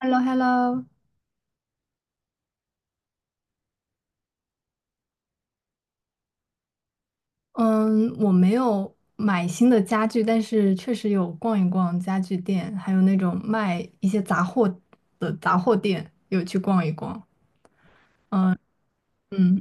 h e l l o h e l l o。 嗯，我没有买新的家具，但是确实有逛一逛家具店，还有那种卖一些杂货的杂货店，有去逛一逛。嗯，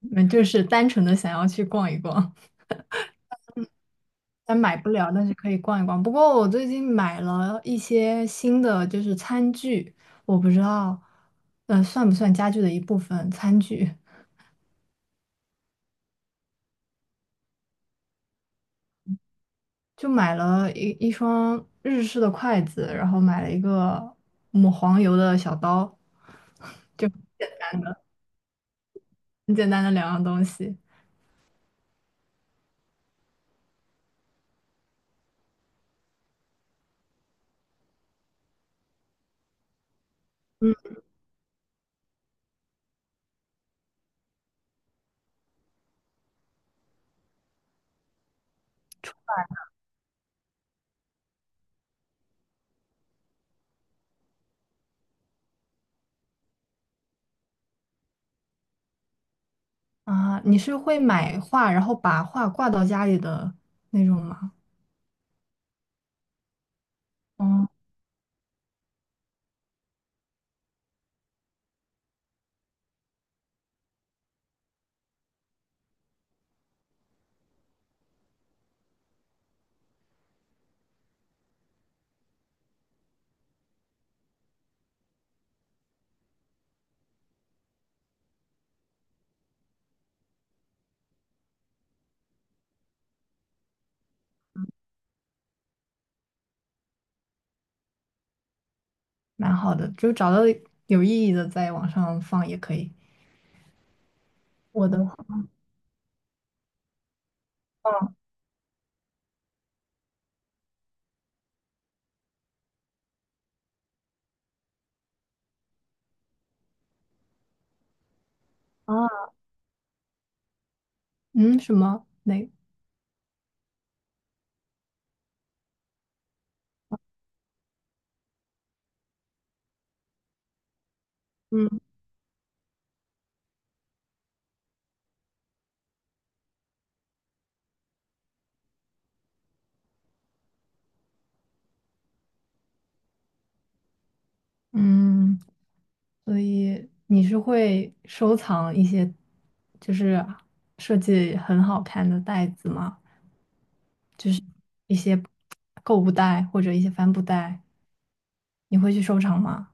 那就是单纯的想要去逛一逛，但买不了，但是可以逛一逛。不过我最近买了一些新的，就是餐具，我不知道，算不算家具的一部分？餐具，就买了一双日式的筷子，然后买了一个抹黄油的小刀，就很简单的两样东西。嗯啊，你是会买画，然后把画挂到家里的那种吗？嗯，蛮好的，就找到有意义的在网上放也可以。我的话啊，嗯，什么？那，嗯嗯，所以你是会收藏一些，就是设计很好看的袋子吗？就是一些购物袋或者一些帆布袋，你会去收藏吗？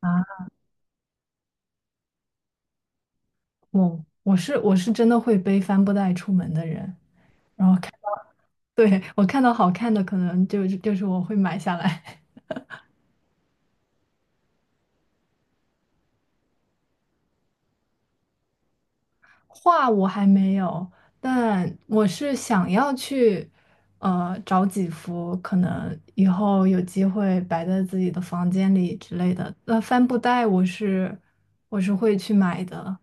啊，我是真的会背帆布袋出门的人，然后看，对，我看到好看的，可能就就是我会买下来。画我还没有，但我是想要去，找几幅可能以后有机会摆在自己的房间里之类的。那帆布袋我是我是会去买的，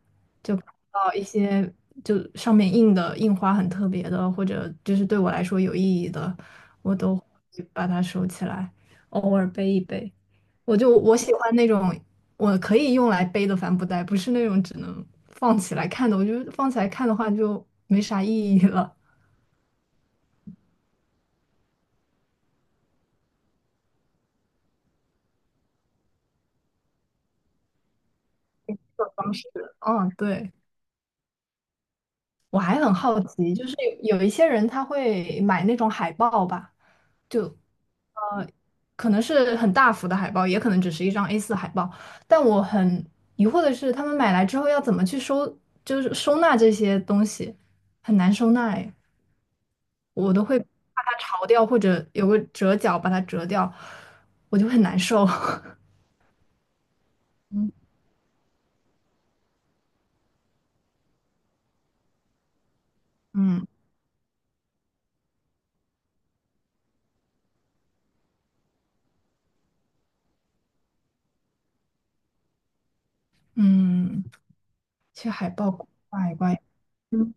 就看到一些就上面印的印花很特别的，或者就是对我来说有意义的，我都会把它收起来，偶尔背一背。我喜欢那种。我可以用来背的帆布袋，不是那种只能放起来看的。我觉得放起来看的话就没啥意义了。这种方式，嗯，对。我还很好奇，就是有一些人他会买那种海报吧，就呃，可能是很大幅的海报，也可能只是一张 A4海报。但我很疑惑的是，他们买来之后要怎么去收，就是收纳这些东西，很难收纳哎。我都会把它潮掉或者有个折角把它折掉，我就很难受。嗯嗯嗯，去海报挂一挂，嗯，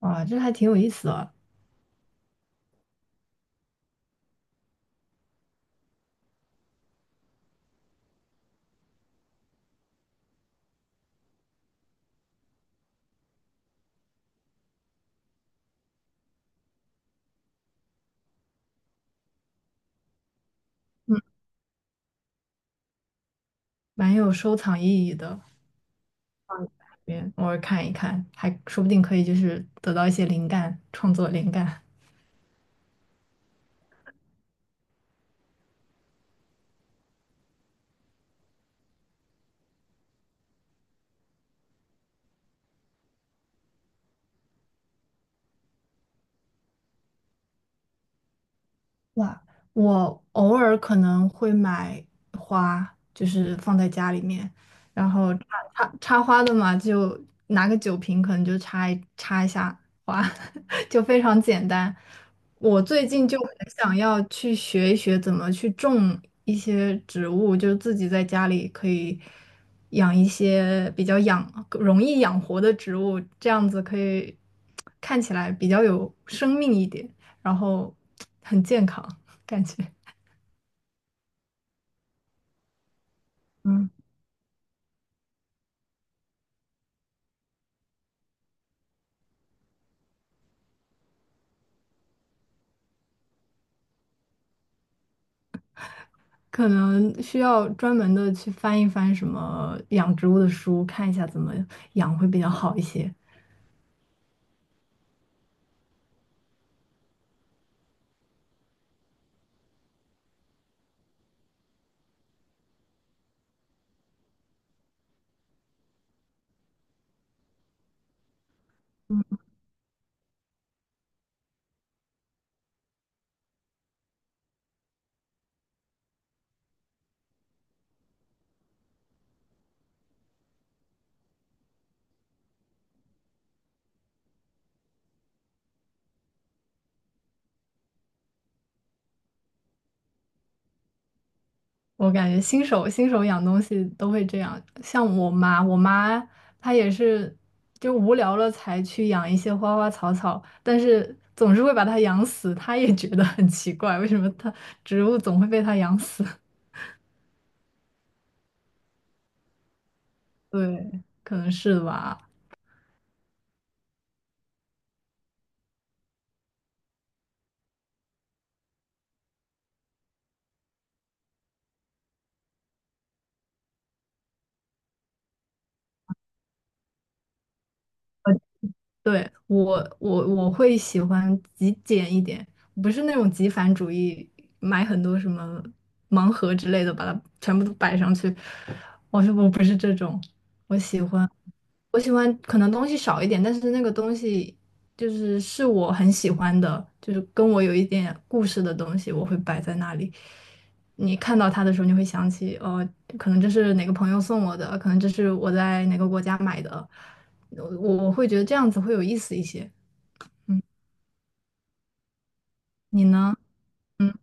哇，这还挺有意思的，蛮有收藏意义的。嗯偶尔看一看，还说不定可以就是得到一些灵感，创作灵感。哇，我偶尔可能会买花，就是放在家里面，然后插花的嘛，就拿个酒瓶，可能就插一插一下，哇，就非常简单。我最近就很想要去学一学怎么去种一些植物，就是自己在家里可以养一些比较养，容易养活的植物，这样子可以看起来比较有生命一点，然后很健康，感觉。嗯，可能需要专门的去翻一翻什么养植物的书，看一下怎么养会比较好一些。我感觉新手养东西都会这样，像我妈，我妈她也是就无聊了才去养一些花花草草，但是总是会把它养死，她也觉得很奇怪，为什么它植物总会被它养死？对，可能是吧。对，我会喜欢极简一点，不是那种极繁主义，买很多什么盲盒之类的，把它全部都摆上去。我是我不是这种，我喜欢我喜欢可能东西少一点，但是那个东西就是是我很喜欢的，就是跟我有一点故事的东西，我会摆在那里。你看到它的时候，你会想起，哦，可能这是哪个朋友送我的，可能这是我在哪个国家买的。我会觉得这样子会有意思一些。你呢？嗯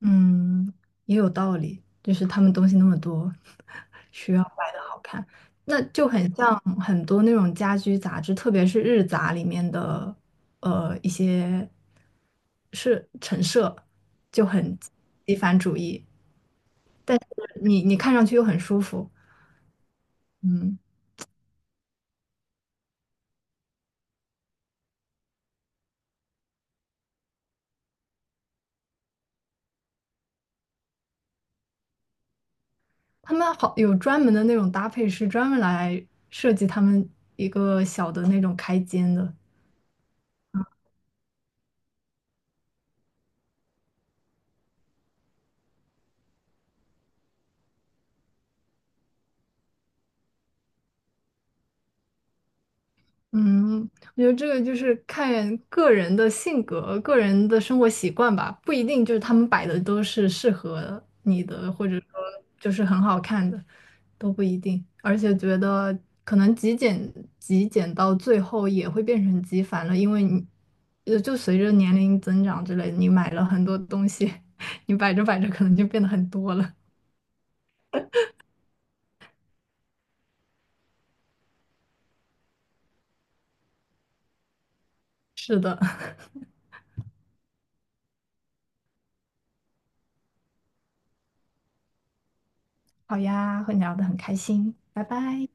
嗯，也有道理，就是他们东西那么多，需要摆的好看，那就很像很多那种家居杂志，特别是日杂里面的呃一些是陈设就很极繁主义，但是你看上去又很舒服，嗯。他们好有专门的那种搭配师，专门来设计他们一个小的那种开间的。嗯，我觉得这个就是看个人的性格、个人的生活习惯吧，不一定就是他们摆的都是适合你的，或者说就是很好看的，都不一定。而且觉得可能极简到最后也会变成极繁了，因为你就随着年龄增长之类的你买了很多东西，你摆着摆着可能就变得很多了。是的，好呀，和你聊得很开心，拜拜。